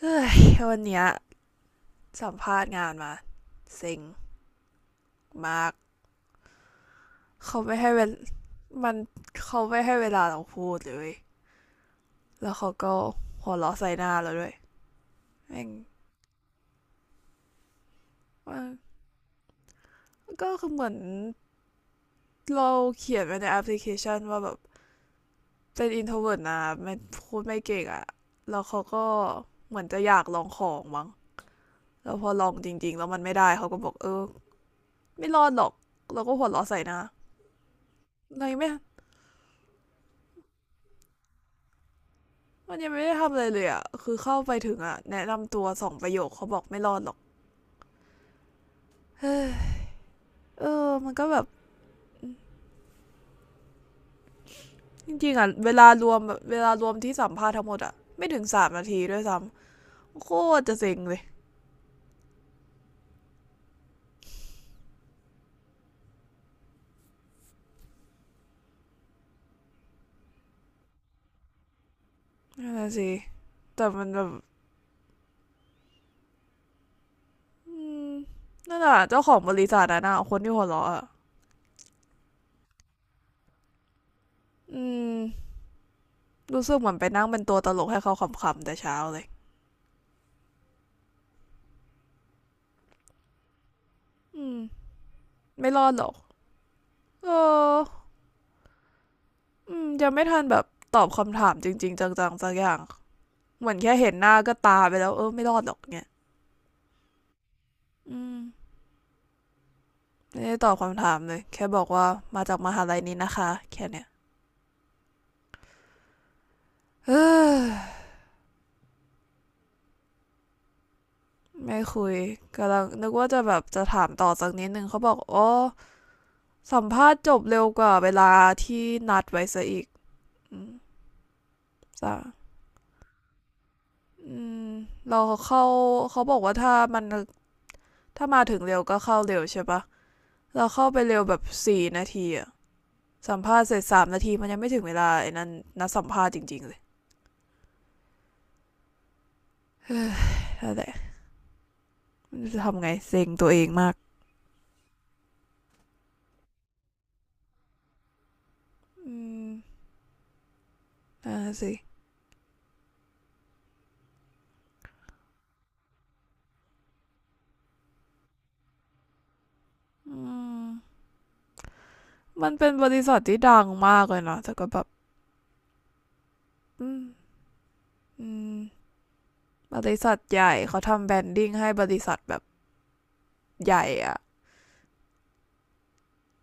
เฮ้ยวันเนี้ยสัมภาษณ์งานมาเซ็งมากเขาไม่ให้เวลมันเขาไม่ให้เวลาเราพูดเลยแล้วเขาก็หัวเราะใส่หน้าเราด้วยแม่งมันก็คือเหมือนเราเขียนไว้ในแอปพลิเคชันว่าแบบเป็นอินโทรเวิร์ตนะไม่พูดไม่เก่งอะแล้วเขาก็เหมือนจะอยากลองของมั้งแล้วพอลองจริงๆแล้วมันไม่ได้เขาก็บอกเออไม่รอดหรอกเราก็หัวเราะใส่หน้าเรไม่ มันยังไม่ได้ทำอะไรเลยอ่ะ คือเข้าไปถึงอ่ะแนะนำตัวสองประโยคเขาบอกไม่รอดหรอก เฮ้ยเออมันก็แบบจริงๆอ่ะเวลารวมที่สัมภาษณ์ทั้งหมดอ่ะไม่ถึงสามนาทีด้วยซ้ำโคตรจะเซ็งเลยนั่นนะสิแต่มันแบบอืมนั่นอ่ะเจ้าของบริษัทอะนะคนที่หัวเราะอ่ะอืมรู้สึกเหมือนไปนั่งเป็นตัวตลกให้เขาขำๆแต่เช้าเลยอืมไม่รอดหรอกเอออืมยังไม่ทันแบบตอบคำถามจริงๆจังๆสักอย่าง เหมือนแค่เห็นหน้าก็ตาไปแล้วเออไม่รอดหรอกเนี่ยอืมไม่ได้ตอบคำถามเลยแค่บอกว่ามาจากมหาลัยนี้นะคะแค่เนี้ย เออไม่คุยกำลังนึกว่าจะแบบจะถามต่อสักนิดนึงเขาบอกอ๋อสัมภาษณ์จบเร็วกว่าเวลาที่นัดไว้ซะอีกอืมจ้ะอืมเราเข้าเขาบอกว่าถ้ามาถึงเร็วก็เข้าเร็วใช่ปะเราเข้าไปเร็วแบบสี่นาทีอะสัมภาษณ์เสร็จสามนาทีมันยังไม่ถึงเวลาไอ้นั่นนัดสัมภาษณ์จริงๆเลย เออแล้วแต่จะทำไงเซ็งตัวเองมากอืมอ่าสิอืมมันเป็นบริษัทที่ดังมากเลยเนาะแต่ก็แบบอืมอืมบริษัทใหญ่เขาทำแบรนดิ้งให้บริษัทแบบใหญ่อ่ะ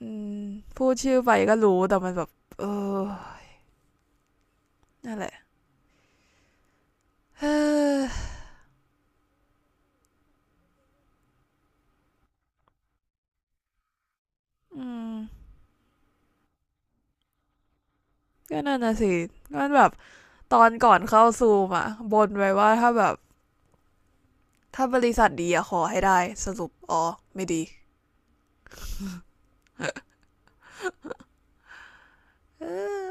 อืมพูดชื่อไปก็รู้แต่มันแบบเออนั่นแหละเอ้ออืมก็นั่นน่ะสิมันแบบตอนก่อนเข้าซูมอ่ะบนไว้ว่าถ้าแบบถ้าบริษัทดีอะขอให้ได้สรุปอ๋อไม่ดีเออ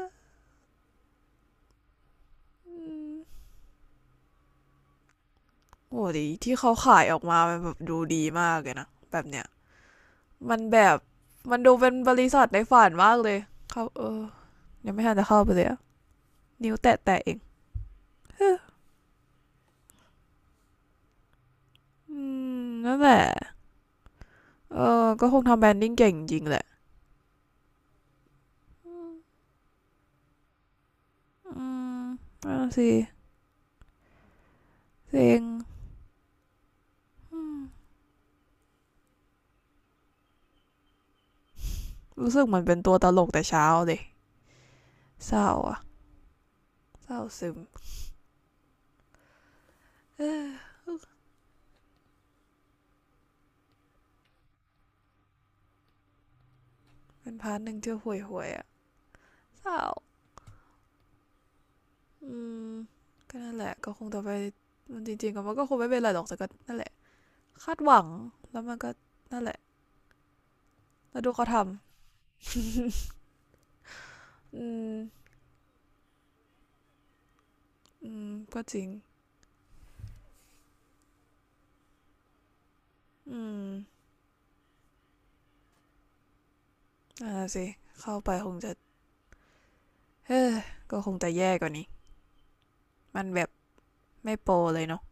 อืม โอ้ดีที่เขาขายออกมามันแบบดูดีมากเลยนะแบบเนี้ยมันแบบมันดูเป็นบริษัทในฝันมากเลยเขาเออยังไม่ทันจะเข้าไปเลยนิ้วแตะแตะเอง ฮอืมนั่นแหละเออก็คงทำแบรนดิ้งเก่งจริงแหละอืมนั่ะสิเซ็งอืมรู้สึกเหมือนเป็นตัวตลกแต่เช้าเลยเศร้าอะเศร้าซึม เออเป็นพาร์ทหนึ่งที่ห่วยห่วยออะเศร้าอืมก็นั่นแหละก็คงจะไปมันจริงๆก็มันก็คงไม่เป็นไรหรอกแต่ก็นั่นแหละ คาดหวังแล้วมันก็นั่นแหละแล้วดูเขาทำอืมอืมก็จริงอืมอ่าสิเข้าไปคงจะเฮ้ก็คงจะแย่กว่านี้มันแบบไม่โปรเลยเนาะ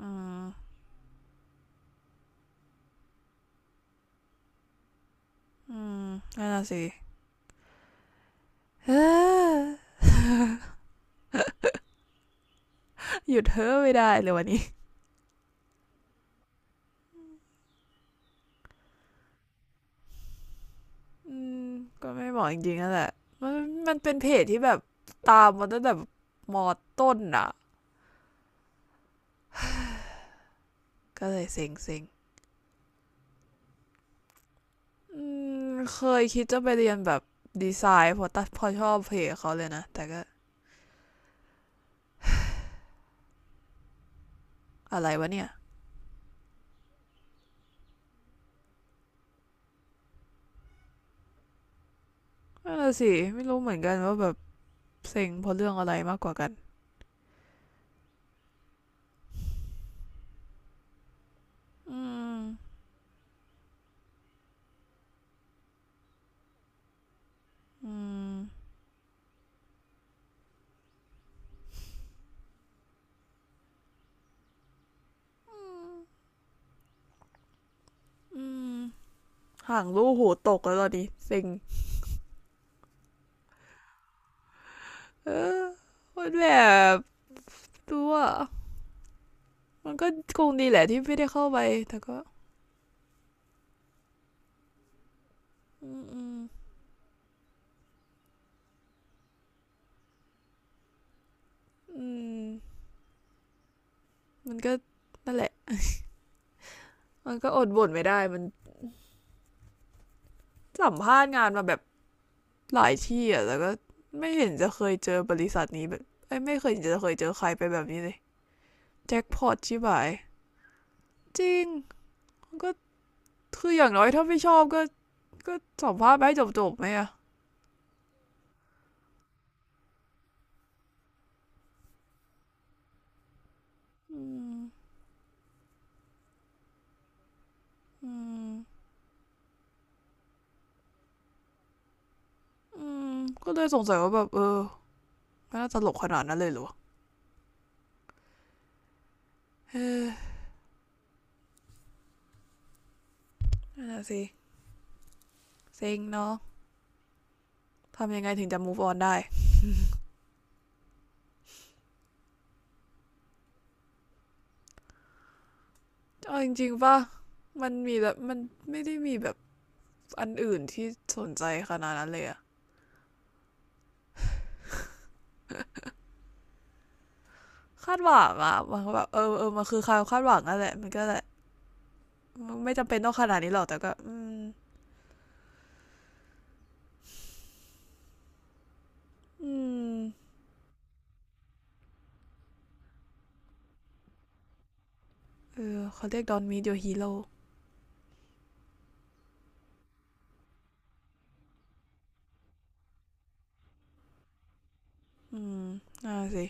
อืมอืมนั่นะสิเฮ้ยหยุดเฮ้อไม่ได้เลยวันนี้อืมก็ไม่เหมาะจริงๆนั่นแหละมันมันเป็นเพจที่แบบตามมาตั้งแต่แบบมอต้นอ่ะก็เลยเซ็งเซ็งอืมเคยคิดจะไปเรียนแบบดีไซน์พอตัดพอชอบเพจเขาเลยนะแต่ก็ อะไรวะเนี่ยนั่นนะสิ ไม่รู้เหมือนกันว่าแบบเซ็งเพราะเรื่องอะไรมากกว่ากัน อืม อืมห่างรู้หูตกแล้วตอนนี้เซ็งเออมันแบบตัวมันก็คงดีแหละที่ไม่ได้เข้าไปแต่ก็อืมอืม มันก็นั่นแหละมันก็อดบ่นไม่ได้มันสัมภาษณ์งานมาแบบหลายที่อ่ะแต่ก็ไม่เห็นจะเคยเจอบริษัทนี้แบบไม่เคยจะเคยเจอใครไปแบบนี้เลยแจ็คพอตชิบหายจริงมันก็ คืออย่างน้อยถ้าไม่ชอบก็ก็สัมภาษณ์ไปให้จบๆไหมอะอืมอืมอืมก็เลยสงสัยว่าแบบเออไมันน่าตลกขนาดนั้นเลยหรอน่ะสิเซ็งเนาะทำยังไงถึงจะ move on ได้ เอาจริงๆป่ะมันมีแบบมันไม่ได้มีแบบอันอื่นที่สนใจขนาดนั้นเลยอะคาดหวังอะมันก็แบบเออเออมันคือความคาดหวังนั่นแหละมันก็แหละัไม่จำเป็นต้องขนาดนี้หรอกแต่ก็อืมอืมเออเขาเรียกดอนมีเดียฮีโร่อืมน่าสิ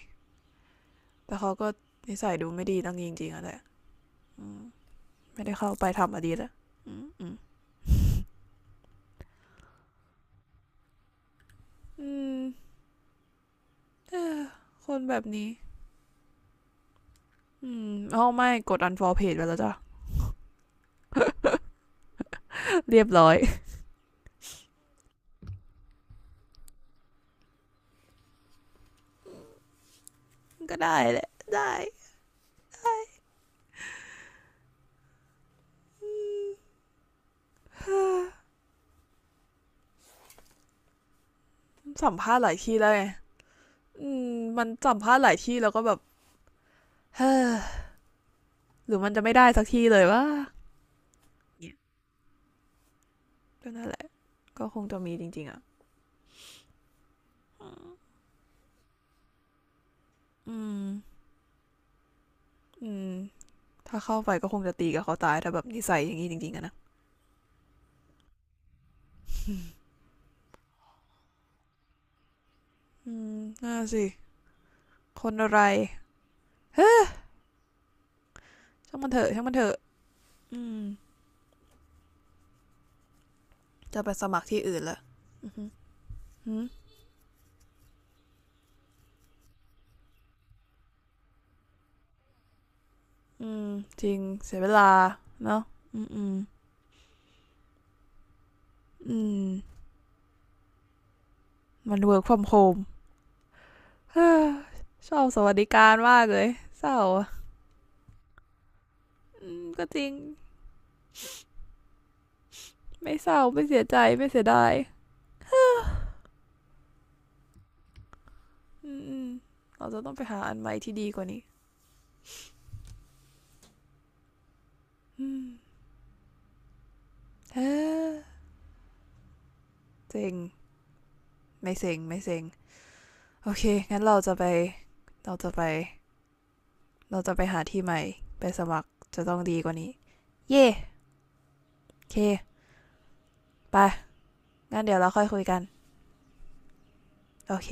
แต่เขาก็นิสัยดูไม่ดีตั้งจริงๆอะแหละไม่ได้เข้าไปทำอดีตอะอืมอืมอืมคนแบบนี้อืมเอาไม่กด unfollow page ไปแล้วจ้ะเรียบร้อยก็ได้แหละได้สัมภาษณ์หลายที่แล้วไงอืมมันสัมภาษณ์หลายที่แล้วก็แบบเฮ้อหรือมันจะไม่ได้สักทีเลยวะเนี่ยก็นั่นแหละก็คงจะมีจริงๆอะอืมอืมถ้าเข้าไปก็คงจะตีกับเขาตายถ้าแบบนิสัยอย่างนี้จริงๆอะนะอืมน่าสิคนอะไรเฮ้ ช่างมันเถอะช่างมันเถอะอืมจะไปสมัครที่อื่นละหืมอืมจริงเสียเวลาเนาะอืมอืมอืมมันเวิร์กฟอร์มโฮม ชอบสวัสดิการมากเลยเศร้าออืมก็จริงไม่เศร้าไม่เสียใจไม่เสียดายอืมอืมเราจะต้องไปหาอันใหม่ที่ดีกว่านี้อืมเฮ้อเซ็งไม่เซ็งไม่เซ็งโอเคงั้นเราจะไปเราจะไปหาที่ใหม่ไปสมัครจะต้องดีกว่านี้เย่โอเค ไปงั้นเดี๋ยวเราค่อยคุยกันโอเค